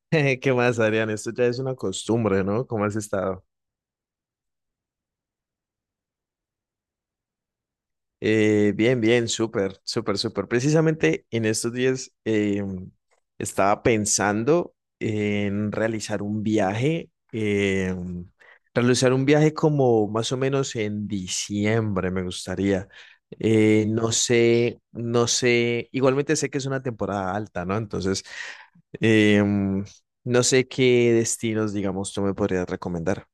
¿Qué más, Adrián? Esto ya es una costumbre, ¿no? ¿Cómo has estado? Bien, bien, súper, súper, súper. Precisamente en estos días estaba pensando en realizar un viaje como más o menos en diciembre, me gustaría. No sé, igualmente sé que es una temporada alta, ¿no? Entonces, em, no sé qué destinos, digamos, tú me podrías recomendar.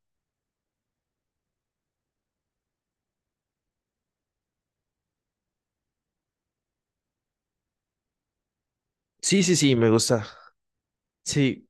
Sí, sí, sí, me gusta. Sí.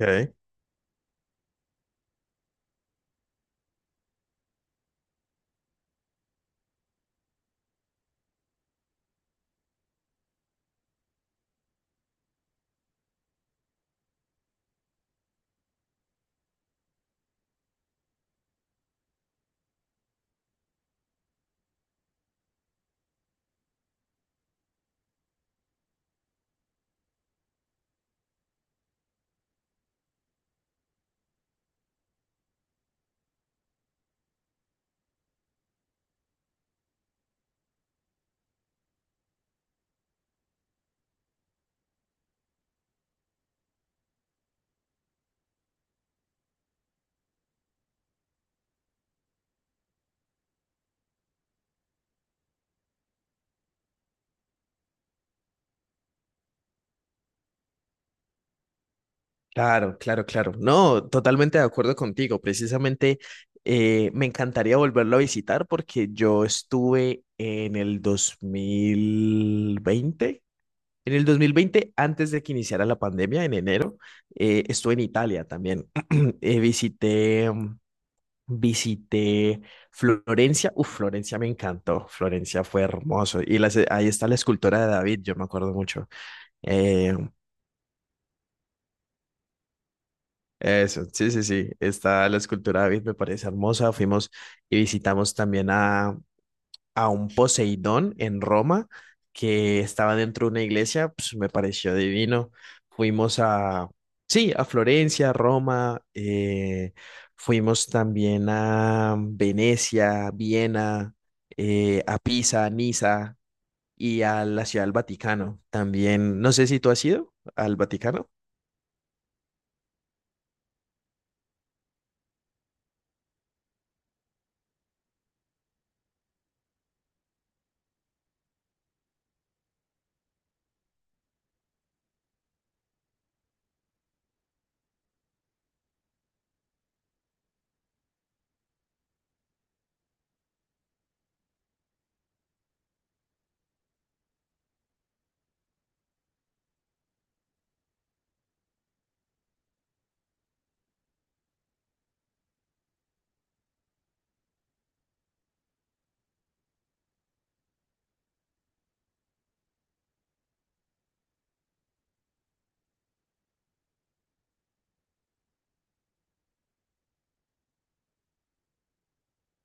Ok. Claro, claro, claro. No, totalmente de acuerdo contigo. Precisamente me encantaría volverlo a visitar porque yo estuve en el 2020, en el 2020, antes de que iniciara la pandemia, en enero, estuve en Italia también. Eh, visité, mm, visité Florencia. Uf, Florencia me encantó. Florencia fue hermoso. Ahí está la escultura de David, yo me acuerdo mucho. Eh, Eso, sí, sí, sí. Está la escultura de David, me parece hermosa. Fuimos y visitamos también a un Poseidón en Roma que estaba dentro de una iglesia, pues me pareció divino. Fuimos a, sí, a Florencia, Roma, fuimos también a Venecia, Viena, a Pisa, Niza y a la Ciudad del Vaticano. También, no sé si tú has ido al Vaticano.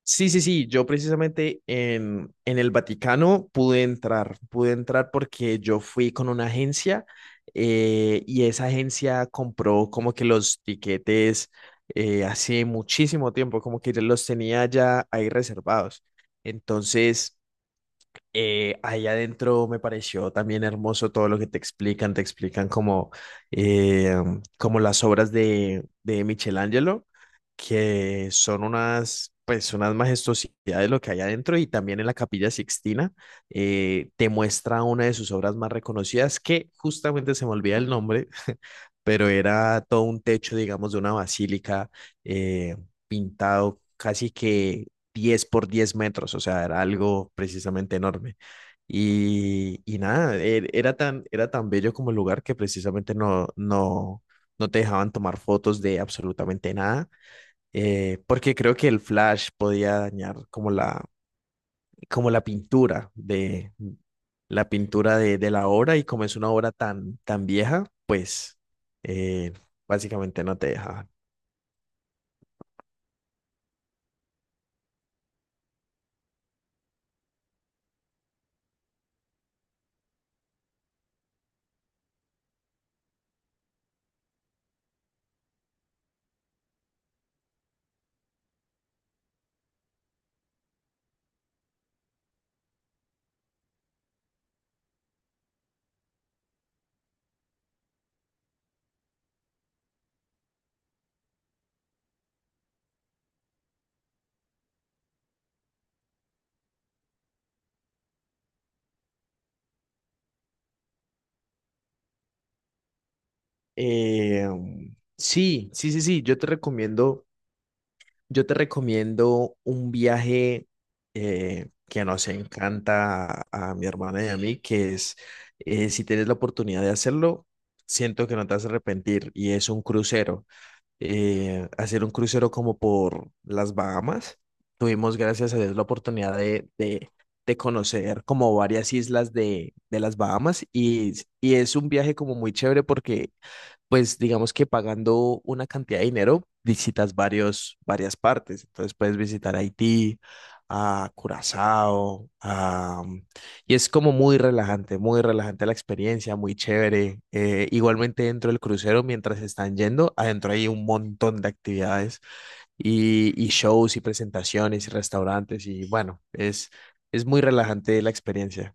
Sí, sí, sí, yo precisamente en el Vaticano pude entrar porque yo fui con una agencia, y esa agencia compró como que los tiquetes hace muchísimo tiempo, como que ya los tenía ya ahí reservados. Entonces, ahí adentro me pareció también hermoso todo lo que te explican como, eh, como las obras de Michelangelo, que son unas, pues, unas majestuosidades lo que hay adentro y también en la Capilla Sixtina, te muestra una de sus obras más reconocidas que justamente se me olvida el nombre, pero era todo un techo, digamos, de una basílica eh, pintado casi que 10 por 10 metros, o sea, era algo precisamente enorme. Y nada, era tan bello como el lugar que precisamente no te dejaban tomar fotos de absolutamente nada, porque creo que el flash podía dañar como como la pintura de la pintura de la obra y como es una obra tan, tan vieja, pues eh, básicamente no te dejaban. Eh, sí, sí, sí, sí, yo te recomiendo un viaje, que nos encanta a mi hermana y a mí, si tienes la oportunidad de hacerlo, siento que no te vas a arrepentir, y es un crucero. Hacer un crucero como por las Bahamas. Tuvimos, gracias a Dios, la oportunidad de conocer como varias islas de las Bahamas, y es un viaje como muy chévere porque pues digamos que pagando una cantidad de dinero visitas varias partes. Entonces puedes visitar Haití, a Curazao, y es como muy relajante la experiencia, muy chévere. Igualmente dentro del crucero, mientras están yendo, adentro hay un montón de actividades y shows y presentaciones y restaurantes y bueno, es muy relajante la experiencia.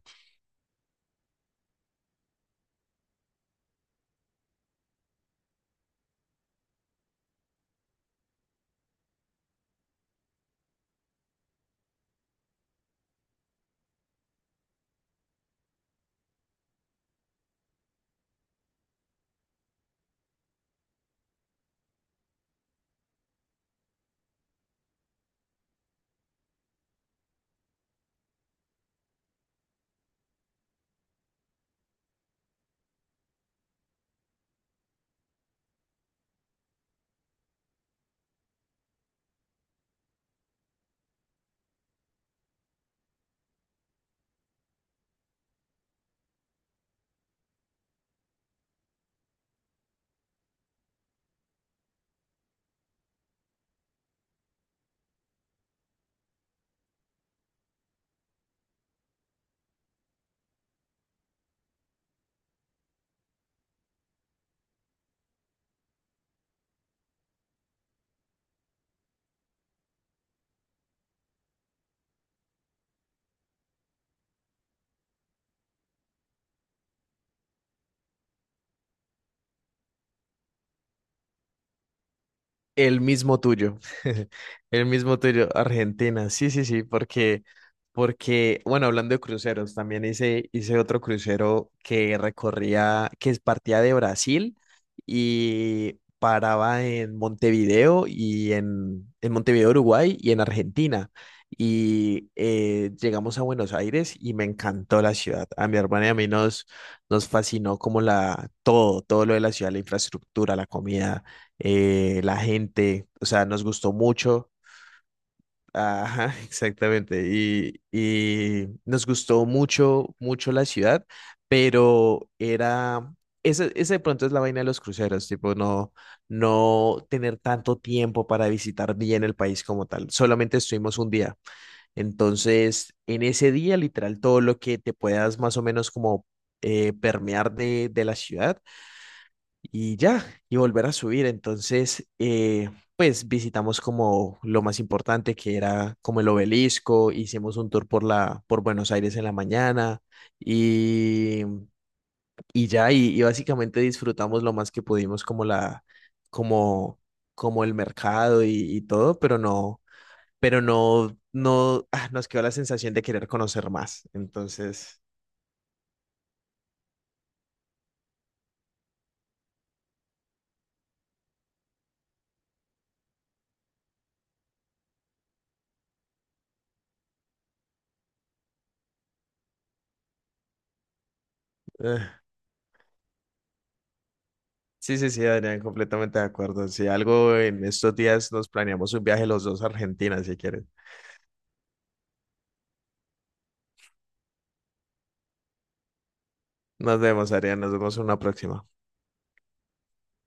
El mismo tuyo, el mismo tuyo, Argentina, sí, sí, sí, porque, porque, bueno, hablando de cruceros, también hice otro crucero que recorría, partía de Brasil y paraba en Montevideo y en Montevideo, Uruguay y en Argentina. Y llegamos a Buenos Aires y me encantó la ciudad. A mi hermana y a mí nos fascinó como la, todo, todo lo de la ciudad, la infraestructura, la comida, la gente, o sea, nos gustó mucho. Ajá, exactamente. Y nos gustó mucho, mucho la ciudad, pero era, ese de pronto es la vaina de los cruceros, tipo, no, no tener tanto tiempo para visitar bien el país como tal. Solamente estuvimos un día. Entonces, en ese día, literal, todo lo que te puedas más o menos como permear de la ciudad y ya, y volver a subir. Entonces, pues visitamos como lo más importante que era como el obelisco, hicimos un tour por por Buenos Aires en la mañana y, y ya, y básicamente disfrutamos lo más que pudimos como como, como el mercado y todo, pero no, no, ah, nos quedó la sensación de querer conocer más. Eh. Sí, sí, sí, Adrián, completamente de acuerdo. Si algo en estos días nos planeamos un viaje los dos a Argentina, si quieres. Nos vemos, Adrián, nos vemos en una próxima.